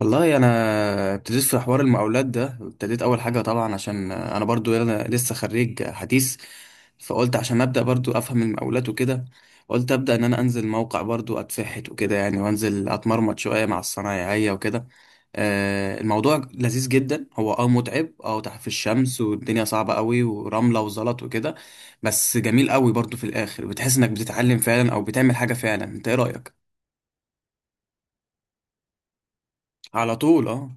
والله انا ابتديت في حوار المقاولات ده، ابتديت اول حاجه طبعا عشان انا برضو، انا لسه خريج حديث. فقلت عشان ابدا برضو افهم المقاولات وكده، قلت ابدا ان انا انزل موقع برضو اتفحت وكده يعني، وانزل اتمرمط شويه مع الصنايعيه وكده. الموضوع لذيذ جدا. هو متعب، تحت في الشمس والدنيا صعبه قوي ورمله وزلط وكده. بس جميل قوي برضو، في الاخر بتحس انك بتتعلم فعلا او بتعمل حاجه فعلا. انت ايه رايك؟ على طول اه.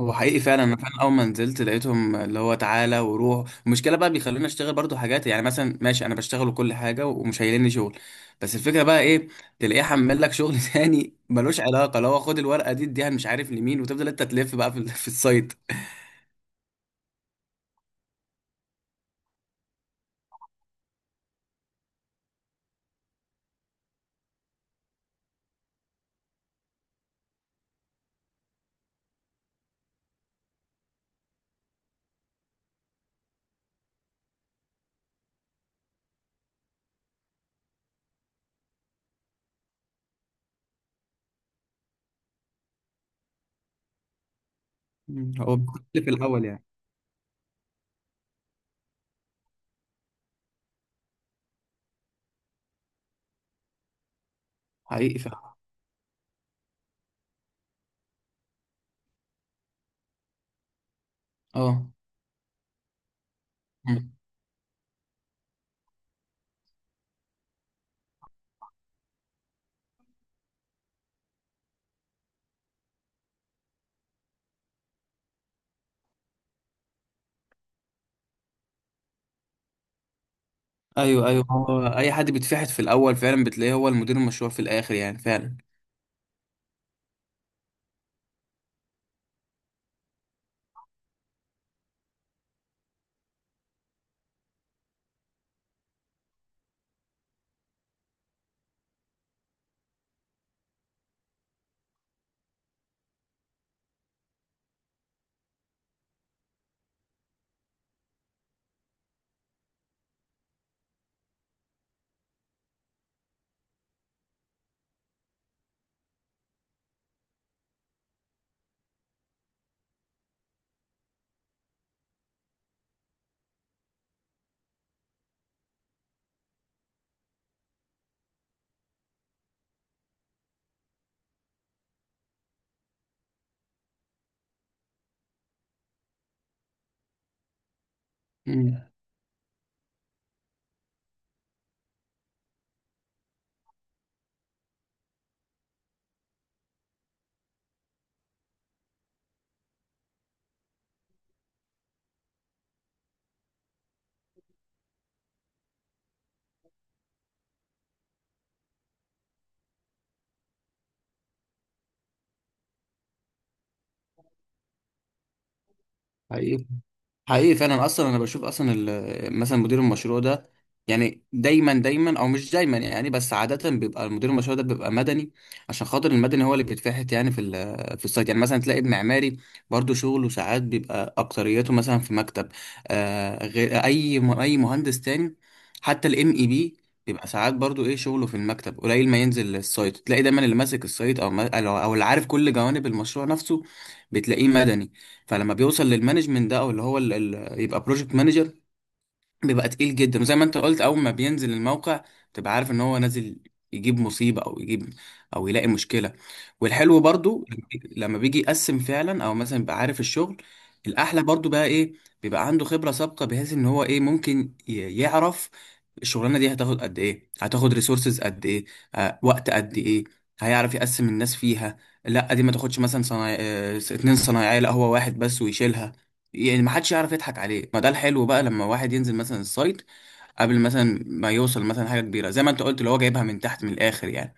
هو حقيقي فعلا، انا فعلا اول ما نزلت لقيتهم اللي هو تعالى وروح. المشكله بقى بيخلوني اشتغل برضو حاجات، يعني مثلا ماشي انا بشتغل وكل حاجه ومش هيلني شغل. بس الفكره بقى ايه، تلاقيه حمل لك شغل تاني ملوش علاقه، لو هو خد الورقه دي اديها مش عارف لمين، وتفضل انت تلف بقى في في السايت. مم، هو بيلف في الاول يعني. حقيقي فعلا اه. مم. ايوه ايوه، هو اي حد بيتفحت في الاول فعلا، بتلاقيه هو المدير المشروع في الاخر يعني فعلا. مم. حقيقي، حقيقي فعلا. اصلا انا بشوف اصلا مثلا مدير المشروع ده يعني دايما او مش دايما يعني، بس عاده بيبقى المدير المشروع ده بيبقى مدني. عشان خاطر المدني هو اللي بيتفحت يعني في في السايت. يعني مثلا تلاقي المعماري برضو شغله ساعات بيبقى اكتريته مثلا في مكتب، آه غير اي اي مهندس تاني. حتى الام اي بي بيبقى ساعات برضو، ايه شغله في المكتب قليل ما ينزل السايت. تلاقي دايما اللي ماسك السايت او او اللي عارف كل جوانب المشروع نفسه، بتلاقيه مدني. فلما بيوصل للمانجمنت ده او اللي هو ال يبقى بروجكت مانجر، بيبقى تقيل جدا. وزي ما انت قلت، اول ما بينزل الموقع تبقى عارف ان هو نازل يجيب مصيبة او يجيب او يلاقي مشكلة. والحلو برضو لما بيجي يقسم فعلا او مثلا يبقى عارف الشغل. الاحلى برضو بقى ايه، بيبقى عنده خبرة سابقة بحيث ان هو ايه ممكن يعرف الشغلانة دي هتاخد قد ايه، هتاخد ريسورسز قد ايه، آه وقت قد ايه. هيعرف يقسم الناس فيها. لا دي ما تاخدش مثلا صنايع... اه، اتنين صنايعية، لا هو واحد بس ويشيلها. يعني ما حدش يعرف يضحك عليه. ما ده الحلو بقى لما واحد ينزل مثلا السايت قبل مثلا ما يوصل مثلا حاجه كبيره، زي ما انت قلت اللي هو جايبها من تحت من الاخر يعني.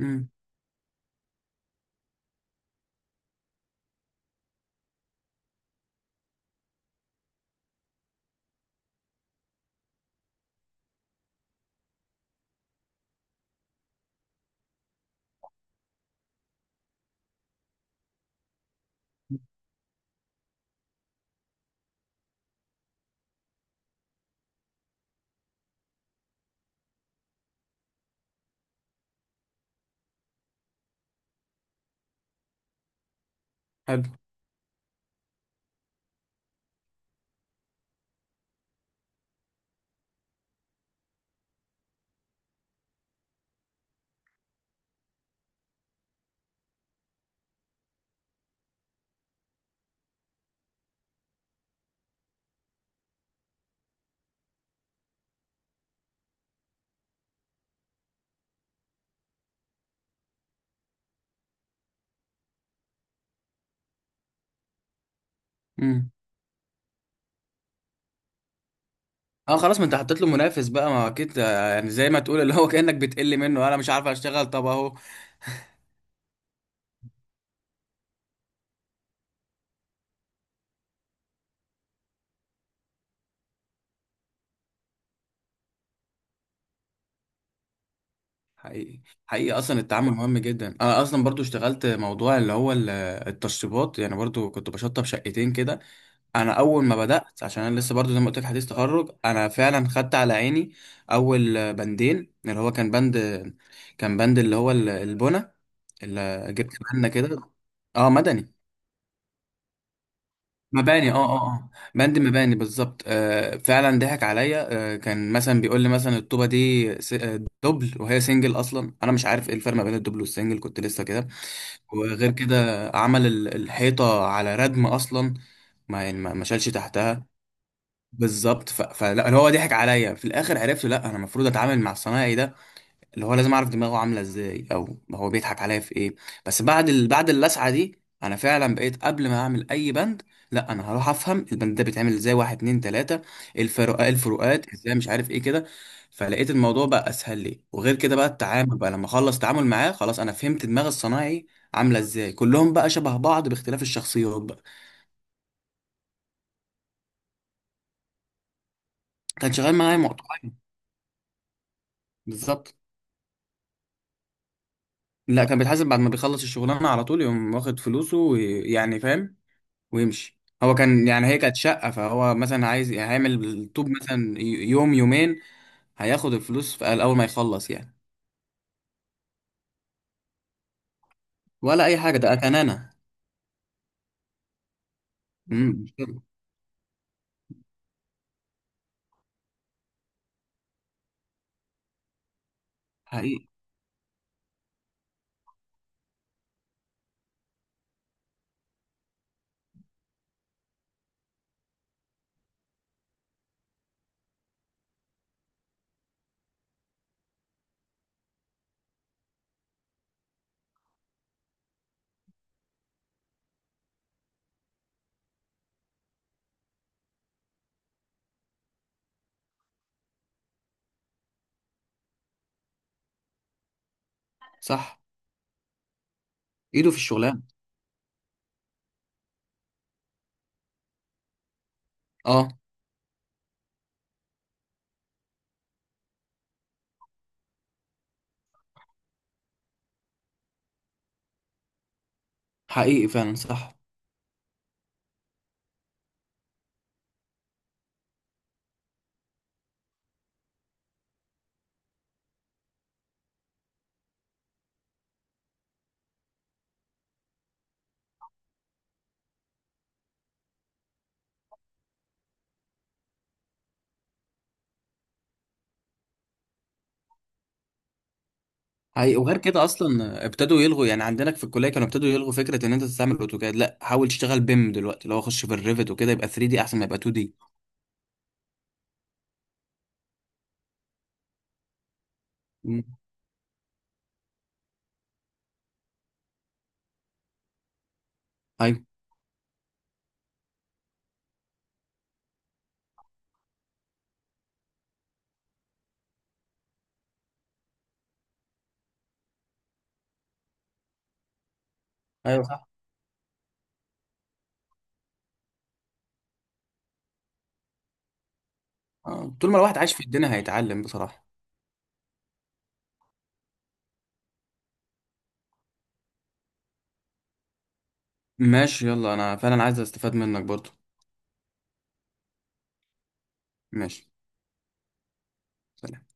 امم. حلو. امم. اه خلاص، ما انت حطيت له منافس بقى، ما اكيد آه، يعني زي ما تقول اللي هو كانك بتقل منه انا مش عارف اشتغل، طب اهو. حقيقي. حقيقي، اصلا التعامل مهم جدا. انا اصلا برضو اشتغلت موضوع اللي هو التشطيبات. يعني برضو كنت بشطب شقتين كده. انا اول ما بدات، عشان انا لسه برضو زي ما قلت لك حديث تخرج، انا فعلا خدت على عيني اول بندين. اللي هو كان بند اللي هو البنا، اللي جبت بنا كده. اه مدني. مباني اه، بند مباني بالظبط. آه فعلا ضحك عليا. آه كان مثلا بيقول لي مثلا الطوبه دي دبل وهي سنجل، اصلا انا مش عارف ايه الفرق ما بين الدبل والسنجل، كنت لسه كده. وغير كده عمل الحيطه على ردم اصلا، ما يعني ما ما شالش تحتها. بالظبط. ف... فلا، اللي هو ضحك عليا في الاخر عرفت، لا انا المفروض اتعامل مع الصنايعي ده اللي هو لازم اعرف دماغه عامله ازاي، او هو بيضحك عليا في ايه. بس بعد ال... بعد اللسعه دي، انا فعلا بقيت قبل ما اعمل اي بند، لا انا هروح افهم البند ده بيتعمل ازاي، واحد اتنين تلاته، الفروقات ازاي، مش عارف ايه كده. فلقيت الموضوع بقى اسهل لي. وغير كده بقى التعامل بقى، لما اخلص تعامل معاه خلاص انا فهمت دماغ الصنايعي عامله ازاي، كلهم بقى شبه بعض باختلاف الشخصيات بقى. كان شغال معايا مقطوعين. بالظبط. لا كان بيتحاسب بعد ما بيخلص الشغلانة على طول، يقوم واخد فلوسه ويعني فاهم ويمشي. هو كان يعني، هي كانت شقة، فهو مثلا عايز هيعمل الطوب مثلا يوم يومين، هياخد الفلوس في أول ما يخلص يعني. ولا أي حاجة، ده كان أنا. كده. حقيقي. صح، إيده في الشغلانة. أه. حقيقي فعلا صح. حقيقي. وغير كده أصلا ابتدوا يلغوا، يعني عندنا في الكلية كانوا ابتدوا يلغوا فكرة إن أنت تستعمل أوتوكاد، لا حاول تشتغل بيم دلوقتي. لو أخش في الريفت وكده، يبقى 3 دي أحسن ما يبقى 2 دي. مم. أيوه. ايوه. آه، طول ما الواحد عايش في الدنيا هيتعلم بصراحة. ماشي، يلا انا فعلا عايز استفاد منك برضو. ماشي. سلام.